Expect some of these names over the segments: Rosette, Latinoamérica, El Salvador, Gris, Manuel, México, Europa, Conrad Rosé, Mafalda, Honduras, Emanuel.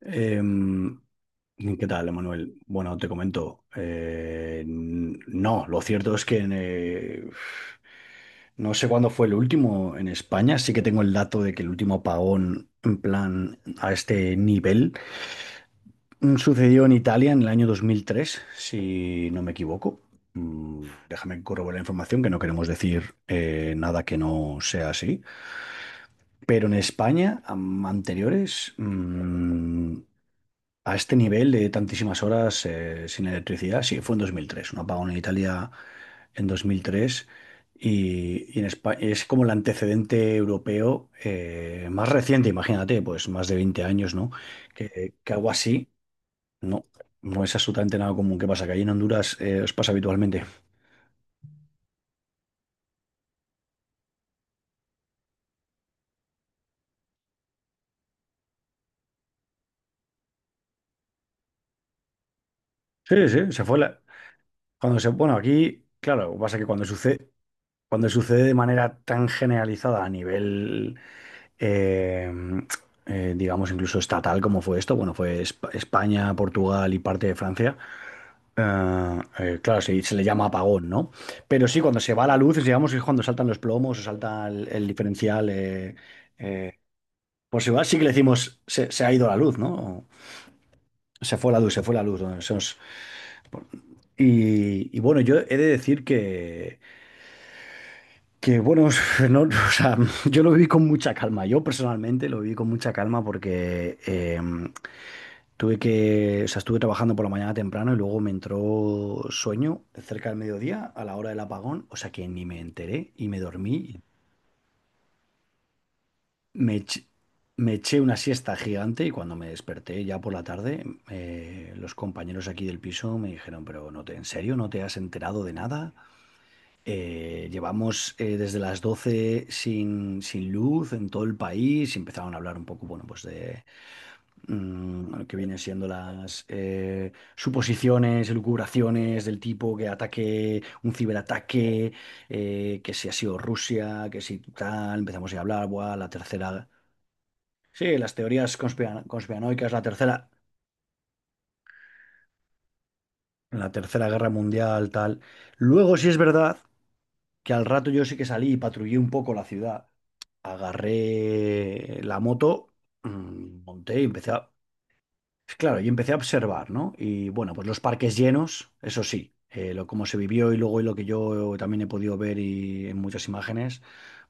Em, ¿Qué tal, Emanuel? Bueno, te comento. No, lo cierto es que no sé cuándo fue el último en España. Sí que tengo el dato de que el último apagón, en plan, a este nivel, sucedió en Italia en el año 2003, si no me equivoco. Mm. Déjame corroborar la información, que no queremos decir nada que no sea así. Pero en España, anteriores, a este nivel de tantísimas horas sin electricidad, sí, fue en 2003 un apagón en Italia en 2003, y en España es como el antecedente europeo más reciente, imagínate, pues más de 20 años, ¿no? Que algo así, no, no es absolutamente nada común. ¿Qué pasa? Que allí en Honduras os pasa habitualmente. Sí, sí, se fue la... Bueno, aquí, claro, lo que pasa es que cuando sucede de manera tan generalizada a nivel eh, digamos, incluso estatal, como fue esto. Bueno, fue España, Portugal y parte de Francia. Claro, se le llama apagón, ¿no? Pero sí, cuando se va la luz, digamos, es cuando saltan los plomos o salta el diferencial. Eh, por si va, sí que le decimos, se ha ido la luz, ¿no? O se fue la luz, se fue la luz, ¿no? Y bueno, yo he de decir que, que bueno, no, o sea, yo lo viví con mucha calma. Yo personalmente lo viví con mucha calma porque tuve que, o sea, estuve trabajando por la mañana temprano y luego me entró sueño cerca del mediodía a la hora del apagón, o sea que ni me enteré y me dormí. Me, ech- Me eché una siesta gigante y cuando me desperté ya por la tarde, los compañeros aquí del piso me dijeron, pero ¿en serio no te has enterado de nada? Llevamos desde las 12 sin luz en todo el país, y empezaron a hablar un poco, bueno, pues de lo que vienen siendo las suposiciones, elucubraciones del tipo que un ciberataque, que si ha sido Rusia, que si tal, empezamos ya a hablar, buah, la tercera. Sí, las teorías conspiranoicas, la tercera guerra mundial, tal. Luego sí es verdad que al rato yo sí que salí y patrullé un poco la ciudad. Agarré la moto, monté y empecé a... Claro, yo empecé a observar, ¿no? Y bueno, pues los parques llenos, eso sí, lo como se vivió, y luego, y lo que yo también he podido ver, y en muchas imágenes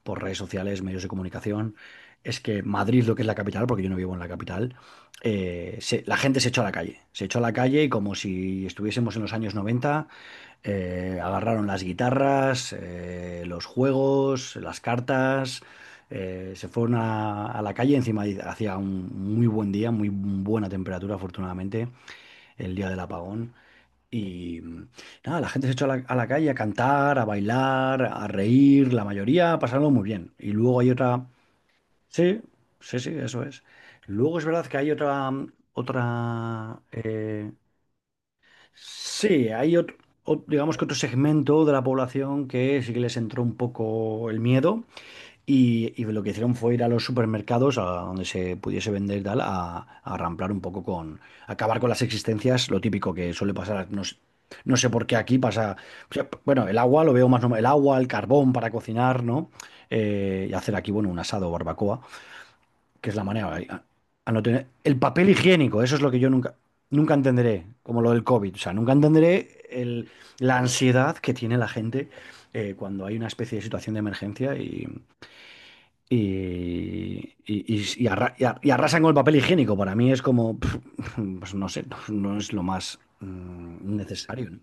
por redes sociales, medios de comunicación, es que Madrid, lo que es la capital, porque yo no vivo en la capital, la gente se echó a la calle, se echó a la calle y como si estuviésemos en los años 90, agarraron las guitarras, los juegos, las cartas, se fueron a la calle, encima hacía un muy buen día, muy buena temperatura, afortunadamente, el día del apagón. Y nada, la gente se echó a la calle a cantar, a bailar, a reír, la mayoría pasaron muy bien. Y luego hay otra... Sí, sí, sí, eso es. Luego es verdad que hay otra... otra eh, Sí, hay otro, digamos que otro segmento de la población que sí que les entró un poco el miedo, y lo que hicieron fue ir a los supermercados, a donde se pudiese vender y tal, a ramplar un poco con, acabar con las existencias, lo típico que suele pasar, no sé, no sé por qué aquí pasa. O sea, bueno, el agua lo veo más normal, el agua, el carbón para cocinar, ¿no? Y hacer aquí, bueno, un asado o barbacoa, que es la manera, a no tener, el papel higiénico, eso es lo que yo nunca, nunca entenderé, como lo del COVID, o sea, nunca entenderé la ansiedad que tiene la gente cuando hay una especie de situación de emergencia, y arrasan con el papel higiénico. Para mí es como, pues no sé, no, no es lo más necesario, ¿no?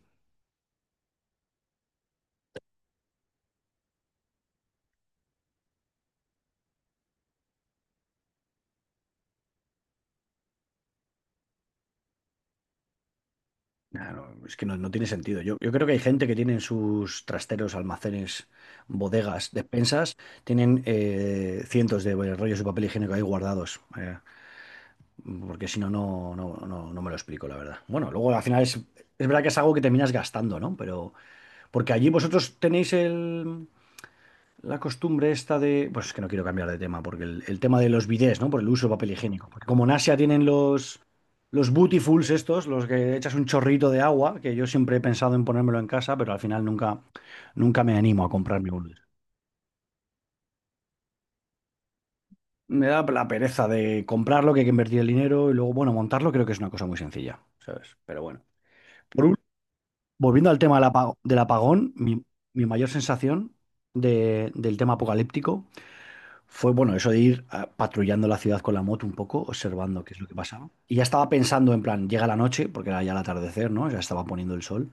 Nah, no, es que no, no tiene sentido. Yo creo que hay gente que tiene en sus trasteros, almacenes, bodegas, despensas, tienen cientos de, bueno, rollos de papel higiénico ahí guardados. Eh, porque si no, no, no, no, no me lo explico, la verdad. Bueno, luego al final es verdad que es algo que terminas gastando, ¿no? Pero porque allí vosotros tenéis el... la costumbre esta de... Pues es que no quiero cambiar de tema, porque el tema de los bidés, ¿no? Por el uso de papel higiénico. Porque como en Asia tienen los bootyfuls estos, los que echas un chorrito de agua, que yo siempre he pensado en ponérmelo en casa, pero al final nunca, nunca me animo a comprarme uno. Me da la pereza de comprarlo, que hay que invertir el dinero, y luego, bueno, montarlo creo que es una cosa muy sencilla, ¿sabes? Pero bueno. Por ul- Volviendo al tema del del apagón, mi mayor sensación del tema apocalíptico fue, bueno, eso de ir patrullando la ciudad con la moto un poco, observando qué es lo que pasaba. Y ya estaba pensando en plan, llega la noche, porque era ya el atardecer, ¿no? Ya estaba poniendo el sol.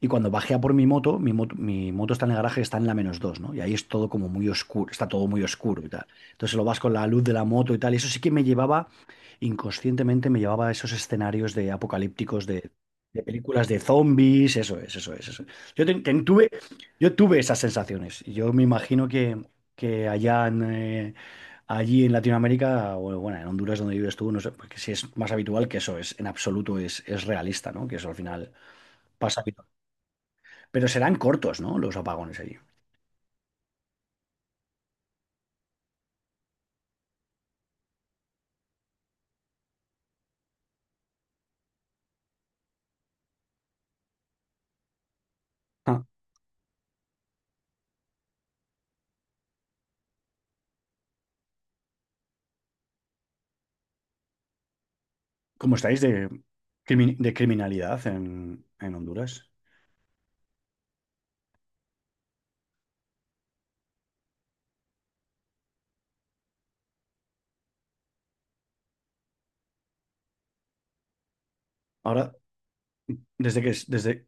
Y cuando bajé a por mi moto está en el garaje, está en la menos dos, ¿no? Y ahí es todo como muy oscuro, está todo muy oscuro y tal. Entonces lo vas con la luz de la moto y tal. Y eso sí que me llevaba, inconscientemente me llevaba a esos escenarios de apocalípticos de películas de zombies, eso es, eso es, eso es. Yo ten- ten- tuve, yo tuve esas sensaciones. Y yo me imagino que, que allí en Latinoamérica, o bueno, en Honduras donde vives tú, no sé, porque si es más habitual, que eso es, en absoluto es realista, ¿no? Que eso al final pasa, pero serán cortos, ¿no? Los apagones allí. Ah, ¿cómo estáis de, de criminalidad en Honduras? Ahora, desde que es- desde,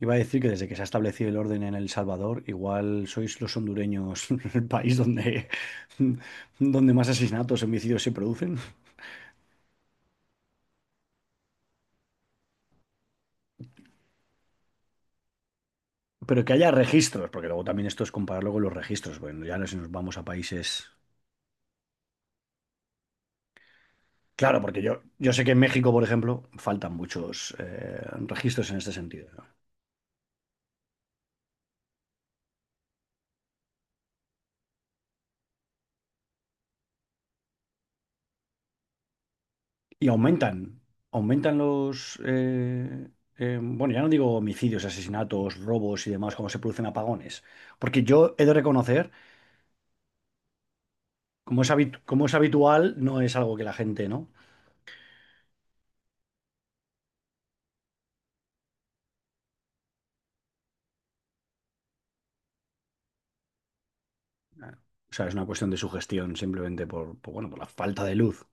iba a decir que desde que se ha establecido el orden en El Salvador, igual sois los hondureños el país donde, donde más asesinatos, homicidios se producen. Pero que haya registros, porque luego también esto es compararlo con los registros. Bueno, ya no, si nos vamos a países. Claro, porque yo sé que en México, por ejemplo, faltan muchos registros en este sentido, ¿no? Y aumentan, aumentan los, eh, bueno, ya no digo homicidios, asesinatos, robos y demás, como se producen apagones. Porque yo he de reconocer, como es habitual, no es algo que la gente, ¿no? Ah, o sea, es una cuestión de sugestión simplemente por, bueno, por la falta de luz.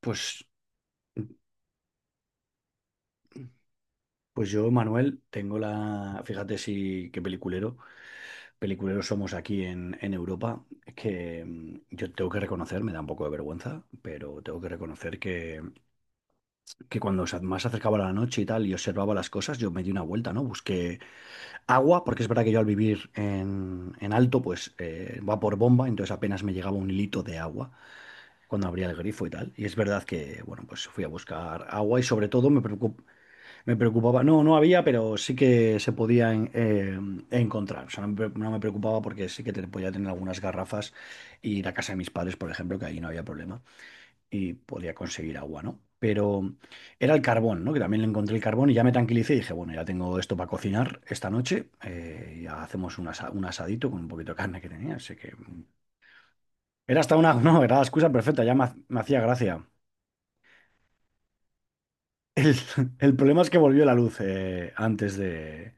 Pues, pues yo, Manuel, tengo la, fíjate si qué peliculero, peliculeros somos aquí en Europa, que yo tengo que reconocer, me da un poco de vergüenza, pero tengo que reconocer que cuando más se acercaba la noche y tal y observaba las cosas, yo me di una vuelta, ¿no? Busqué agua, porque es verdad que yo, al vivir en alto, pues va por bomba, entonces apenas me llegaba un hilito de agua cuando abría el grifo y tal. Y es verdad que, bueno, pues fui a buscar agua, y sobre todo me me preocupaba, no, no había, pero sí que se podía encontrar. O sea, no me preocupaba, porque sí que te podía tener algunas garrafas y ir a casa de mis padres, por ejemplo, que ahí no había problema y podía conseguir agua, ¿no? Pero era el carbón, ¿no? Que también le encontré el carbón y ya me tranquilicé y dije, bueno, ya tengo esto para cocinar esta noche. Eh, ya hacemos un asadito con un poquito de carne que tenía. Así que era hasta una... no, era la excusa perfecta, ya me, me hacía gracia. El, el problema es que volvió la luz antes de,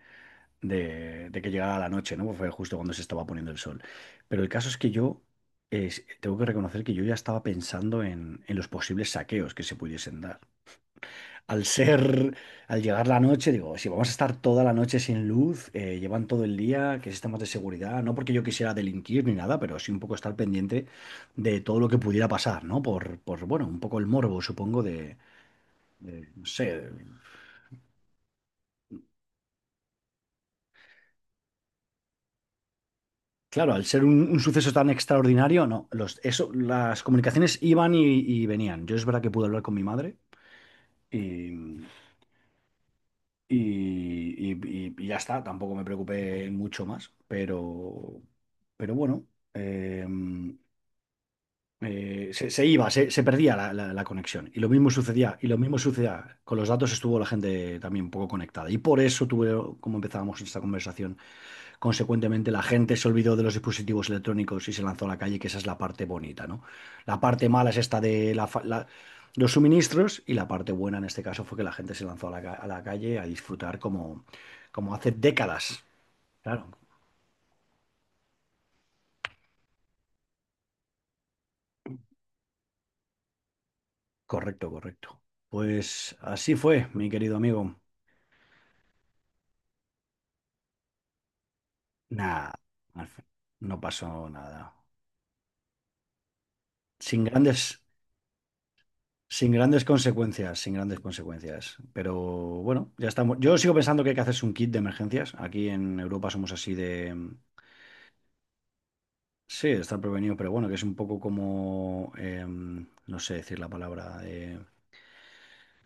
de que llegara la noche, ¿no? Pues fue justo cuando se estaba poniendo el sol. Pero el caso es que yo eh, tengo que reconocer que yo ya estaba pensando en los posibles saqueos que se pudiesen dar al ser, al llegar la noche. Digo, si vamos a estar toda la noche sin luz, llevan todo el día, que si sistemas de seguridad? No porque yo quisiera delinquir ni nada, pero sí un poco estar pendiente de todo lo que pudiera pasar, ¿no? Por bueno, un poco el morbo, supongo, no sé. Claro, al ser un suceso tan extraordinario, no, los, eso, las comunicaciones iban y venían. Yo es verdad que pude hablar con mi madre. Y, y ya está, tampoco me preocupé mucho más, pero, pero bueno, eh, se iba, se perdía la conexión. Y lo mismo sucedía, con los datos estuvo la gente también un poco conectada. Y por eso tuve, como empezábamos esta conversación, consecuentemente, la gente se olvidó de los dispositivos electrónicos y se lanzó a la calle, que esa es la parte bonita, ¿no? La parte mala es esta de los suministros, y la parte buena en este caso fue que la gente se lanzó a la calle a disfrutar como, como hace décadas. Claro, correcto, correcto. Pues así fue, mi querido amigo. Nada, al fin, no pasó nada. Sin grandes, Sin grandes consecuencias, sin grandes consecuencias. Pero bueno, ya estamos. Yo sigo pensando que hay que hacerse un kit de emergencias. Aquí en Europa somos así de... Sí, de estar prevenido, pero bueno, que es un poco como... no sé decir la palabra. eh,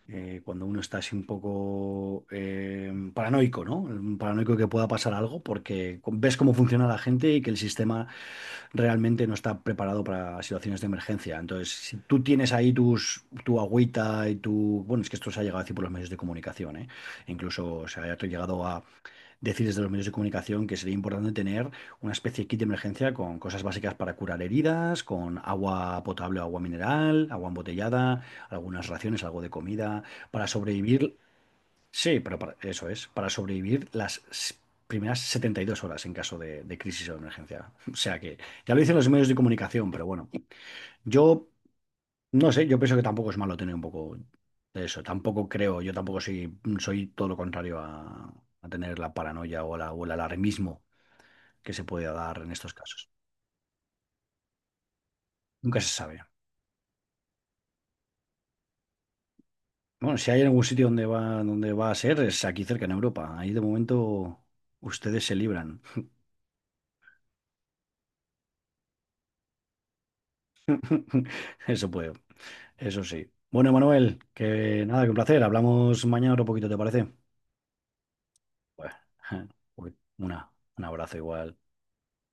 eh, Cuando uno está así un poco paranoico, ¿no? Un paranoico, que pueda pasar algo, porque ves cómo funciona la gente y que el sistema realmente no está preparado para situaciones de emergencia. Entonces, si tú tienes ahí tu agüita y tu... Bueno, es que esto se ha llegado a decir por los medios de comunicación, ¿eh? Incluso se ha llegado a decir desde los medios de comunicación que sería importante tener una especie de kit de emergencia con cosas básicas para curar heridas, con agua potable, agua mineral, agua embotellada, algunas raciones, algo de comida, para sobrevivir... Sí, pero eso es, para sobrevivir las primeras 72 horas en caso de crisis o de emergencia. O sea que ya lo dicen los medios de comunicación, pero bueno, yo no sé, yo pienso que tampoco es malo tener un poco de eso. Tampoco creo, yo tampoco soy, todo lo contrario a tener la paranoia o el alarmismo que se puede dar en estos casos. Nunca se sabe. Bueno, si hay algún sitio donde va a ser, es aquí cerca en Europa. Ahí de momento ustedes se libran. Eso puede. Eso sí. Bueno, Manuel, que nada, que un placer. Hablamos mañana otro poquito, ¿te parece? Pues, uy, un abrazo igual.